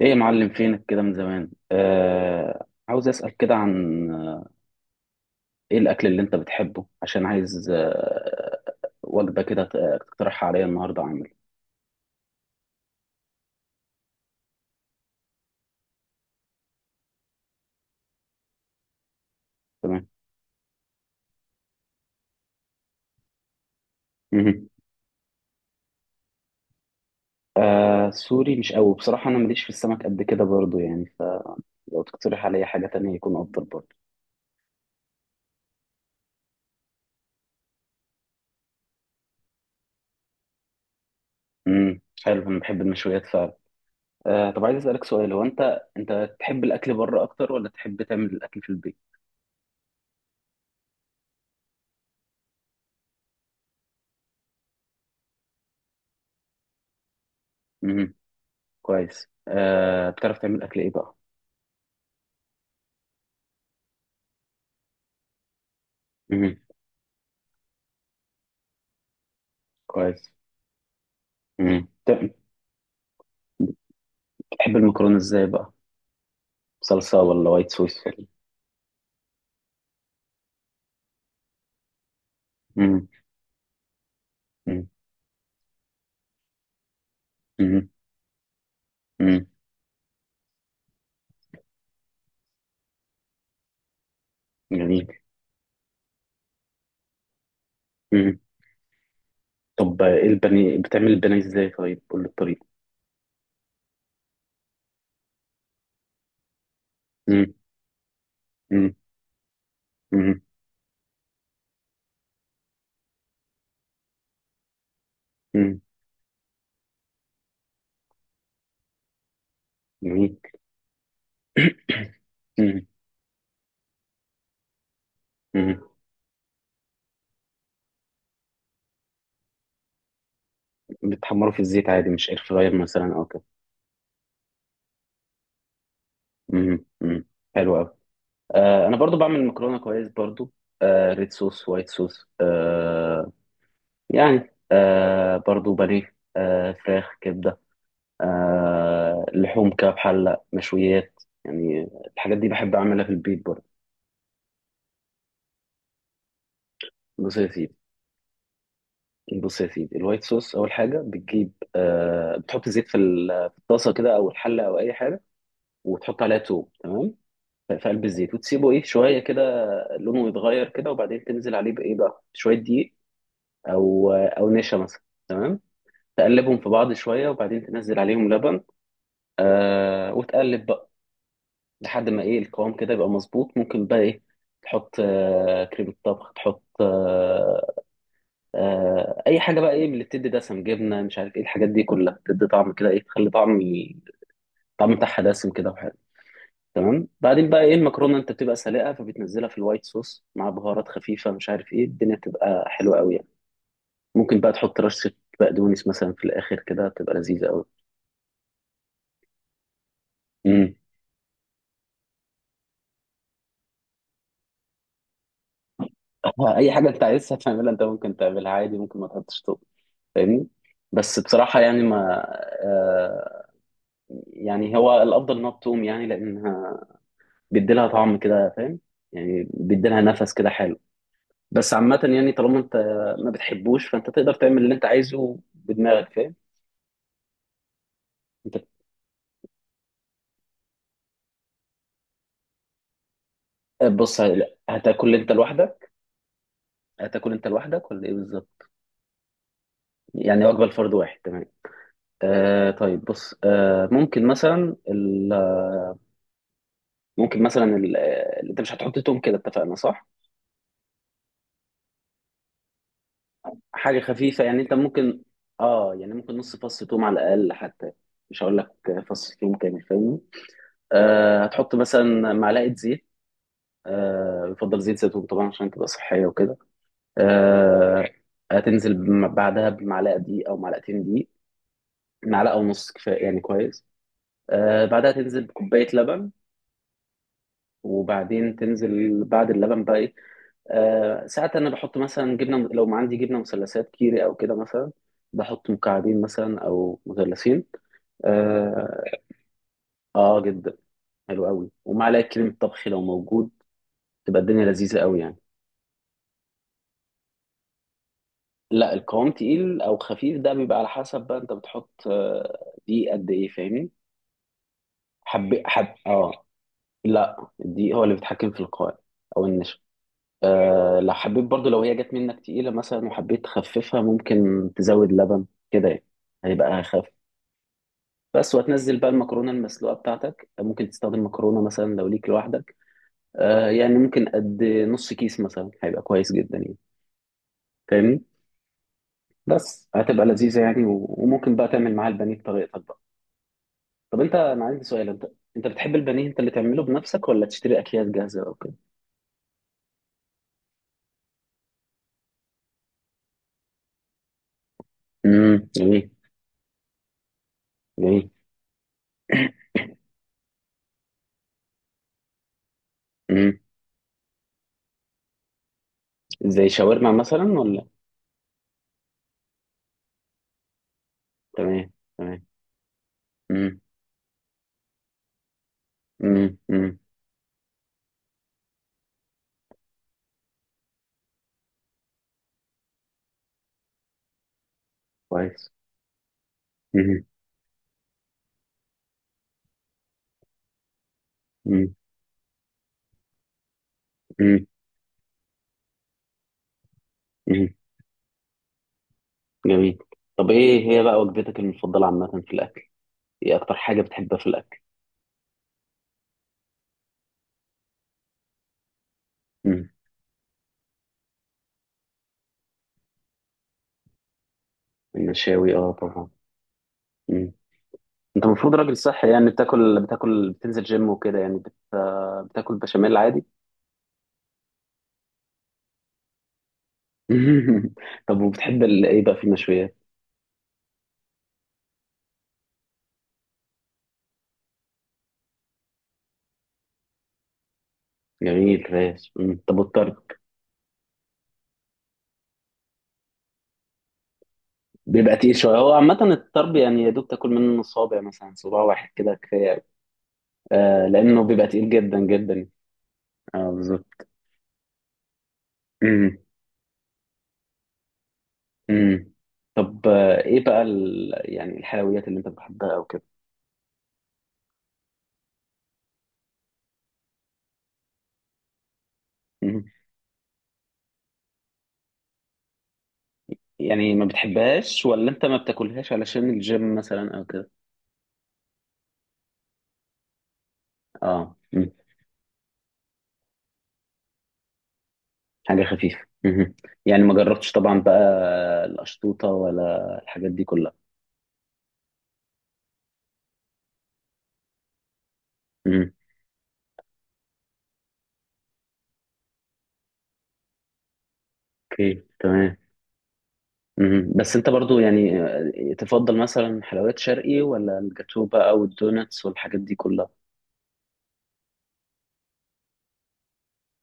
ايه يا معلم، فينك كده من زمان؟ عاوز اسأل كده عن ايه الاكل اللي انت بتحبه، عشان عايز وجبة كده تقترحها عليا النهارده اعمل. تمام. مهم. سوري مش قوي بصراحة، انا ماليش في السمك قد كده برضو يعني، فلو تقترح عليا حاجة تانية يكون افضل برضو. حلو، انا بحب المشويات فعلا. طب عايز اسألك سؤال، هو انت تحب الاكل بره اكتر ولا تحب تعمل الاكل في البيت؟ امم كويس. بتعرف تعمل اكل ايه بقى؟ امم كويس. مم. تحب المكرونة ازاي بقى؟ صلصة ولا وايت صوص؟ امم امم امم امم جميل. امم طب ايه البني، بتعمل البني ازاي؟ طيب قول لي الطريقة. امم امم امم امم جميل. امم امم بتحمره في الزيت عادي، مش اير فراير مثلا او كده؟ امم امم حلو قوي. انا برضو بعمل مكرونة كويس برضو، ريد صوص، وايت صوص، يعني برضو بانيه، فراخ، كبدة، لحوم كده بحلة، مشويات يعني. الحاجات دي بحب أعملها في البيت برضه. بص يا سيدي، بص يا سيدي، الوايت صوص أول حاجة بتجيب بتحط زيت في في الطاسة كده، أو الحلة أو أي حاجة. وتحط عليها توم، تمام. في قلب الزيت وتسيبه إيه شوية كده، لونه يتغير كده. وبعدين تنزل عليه بإيه بقى، شوية دقيق، أو نشا مثلا. تمام. تقلبهم في بعض شوية، وبعدين تنزل عليهم لبن. وتقلب بقى لحد ما ايه القوام كده يبقى مظبوط. ممكن بقى ايه، تحط كريمة طبخ، تحط اي حاجة بقى، ايه من اللي بتدي دسم، جبنة، مش عارف ايه الحاجات دي كلها، بتدي طعم كده، ايه تخلي طعم، الطعم بتاعها دسم كده وحلو. تمام. بعدين بقى ايه، المكرونة انت بتبقى سالقة فبتنزلها في الوايت صوص مع بهارات خفيفة، مش عارف ايه، الدنيا بتبقى حلوة قوي يعني. ممكن بقى تحط رشة بقدونس مثلا في الاخر كده، بتبقى لذيذة قوي. امم اي حاجة انت عايزها تعملها، انت ممكن تعملها عادي، ممكن ما تحطش. فاهمني؟ بس بصراحة يعني ما آه يعني هو الأفضل إنها بتقوم يعني، لأنها بيديلها طعم كده، فاهم؟ يعني بيديلها نفس كده حلو. بس عامة يعني، طالما أنت ما بتحبوش، فأنت تقدر تعمل اللي أنت عايزه بدماغك، فاهم؟ أنت، بص، هتاكل أنت لوحدك هتاكل أنت لوحدك ولا إيه بالظبط؟ يعني وجبة لفرد واحد، تمام. طيب بص، ممكن مثلا ال- ممكن مثلا ال- آه، انت مش هتحط توم كده، اتفقنا؟ صح؟ حاجة خفيفة يعني، انت ممكن، اه يعني ممكن نص فص ثوم على الأقل حتى. مش هقول لك فص ثوم كامل، فاهمني. هتحط مثلا معلقة زيت، يفضل زيت زيتون طبعا عشان تبقى صحية وكده. آه هتنزل بعدها بمعلقة دقيق أو معلقتين دقيق. معلقة ونص كفاية يعني. كويس. بعدها تنزل بكوباية لبن. وبعدين تنزل بعد اللبن بقى إيه؟ ساعات أنا بحط مثلا جبنة، لو ما عندي جبنة مثلثات كيري أو كده، مثلا بحط مكعبين مثلا أو مثلثين. اه. آه، جدا. حلو قوي. ومعلقه كريمه طبخ لو موجود، تبقى الدنيا لذيذه قوي يعني. لا، القوام تقيل او خفيف ده بيبقى على حسب بقى، انت بتحط دي قد ايه، فاهمني. حب حب، اه، لا، الدقيق هو اللي بيتحكم في القوام، او النشا. لو حبيت برضو، لو هي جت منك تقيله مثلا وحبيت تخففها، ممكن تزود لبن كده يعني، هيبقى اخف. بس وتنزل بقى المكرونه المسلوقه بتاعتك، ممكن تستخدم مكرونه مثلا لو ليك لوحدك، يعني ممكن قد نص كيس مثلا هيبقى كويس جدا يعني، فاهمني. بس هتبقى لذيذة يعني، وممكن بقى تعمل معاها البانيه بطريقتك بقى. طب انا عندي سؤال، انت بتحب البانيه، انت اللي تعمله بنفسك ولا تشتري اكياس جاهزة او كده؟ جميل. جميل. امم زي شاورما مثلا ولا؟ تمام. تمام. امم امم امم كويس. امم امم امم امم جميل. طب ايه هي بقى وجبتك المفضلة عامة في الاكل؟ ايه اكتر حاجة بتحبها في الاكل؟ امم المشاوي، اه، طبعا. انت المفروض راجل صحي يعني، بتاكل بتنزل جيم وكده يعني بتاكل بشاميل عادي؟ طب وبتحب ايه بقى في المشويات؟ جميل ماشي. مم. طب والطرب؟ بيبقى تقيل شويه هو عامه، الطرب يعني يا دوب تاكل منه صابع مثلا، صباع واحد كده كفايه أوي. لانه بيبقى تقيل جدا جدا. اه، بالظبط. مم. مم. طب ايه بقى يعني الحلويات اللي انت بتحبها او كده؟ مم. يعني ما بتحبهاش ولا انت ما بتاكلهاش علشان الجيم مثلا او كده؟ اه، حاجة خفيفة. مهم. يعني ما جربتش طبعا بقى القشطوطة ولا الحاجات دي كلها؟ مهم. اوكي. تمام. مهم. بس انت برضو يعني تفضل مثلا حلويات شرقي ولا الجاتو بقى والدوناتس والحاجات دي كلها؟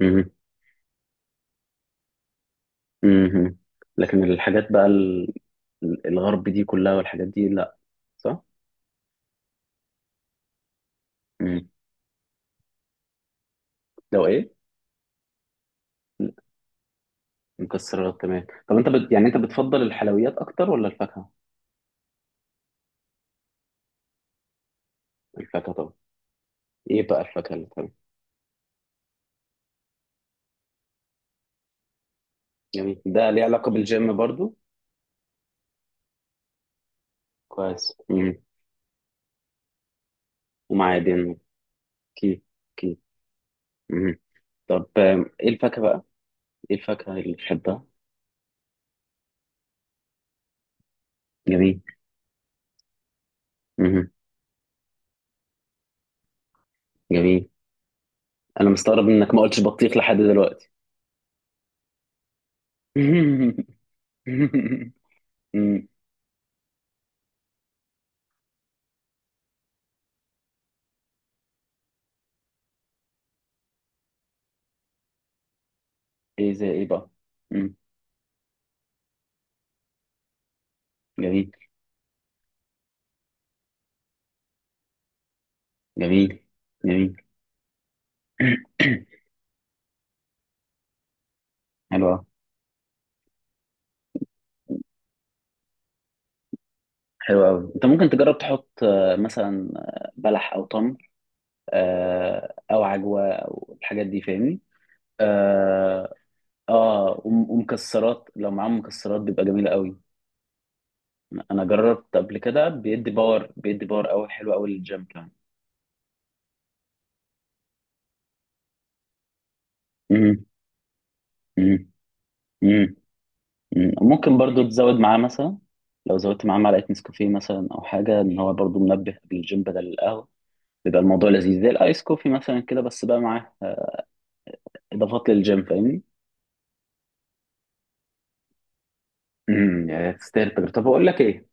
مهم. مهم. لكن الحاجات بقى الغرب دي كلها، والحاجات دي لا، صح؟ مم. لو ايه، مكسرات. تمام. طب انت يعني انت بتفضل الحلويات اكتر ولا الفاكهة؟ الفاكهة طبعا. ايه بقى الفاكهة اللي، تمام. جميل. ده ليه علاقة بالجيم برضو؟ كويس. مم. ومعادن. اوكي. اوكي. مم. طب ايه الفاكهة بقى؟ ايه الفاكهة اللي بتحبها؟ جميل. مم. جميل. انا مستغرب انك ما قلتش بطيخ لحد دلوقتي. مم. ايه زي ايه بقى؟ مم. جميل. جميل. جميل. حلو أوي. حلو أوي. أنت ممكن تجرب تحط مثلا بلح أو تمر، أو عجوة أو الحاجات دي، فاهمني. آه، اه، ومكسرات، لو معاهم مكسرات بيبقى جميلة قوي. انا جربت قبل كده بيدي باور، بيدي باور قوي، حلو قوي للجيم كمان. مم. مم. مم. مم. ممكن برضو تزود معاه مثلا، لو زودت معاه معلقة نسكافيه مثلا او حاجة، ان هو برضو منبه قبل الجيم بدل القهوة، بيبقى الموضوع لذيذ زي الايس كوفي مثلا كده، بس بقى معاه اضافات للجيم، فاهمني. يا تستاهل التجربة. طب اقول لك ايه،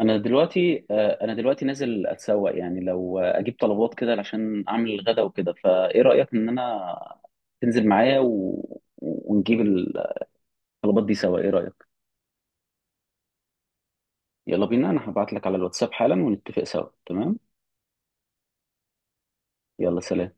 انا دلوقتي نازل اتسوق يعني، لو اجيب طلبات كده عشان اعمل الغدا وكده، فايه رايك ان انا تنزل معايا ونجيب الطلبات دي سوا، ايه رايك؟ يلا بينا، انا هبعت لك على الواتساب حالا ونتفق سوا، تمام. يلا، سلام.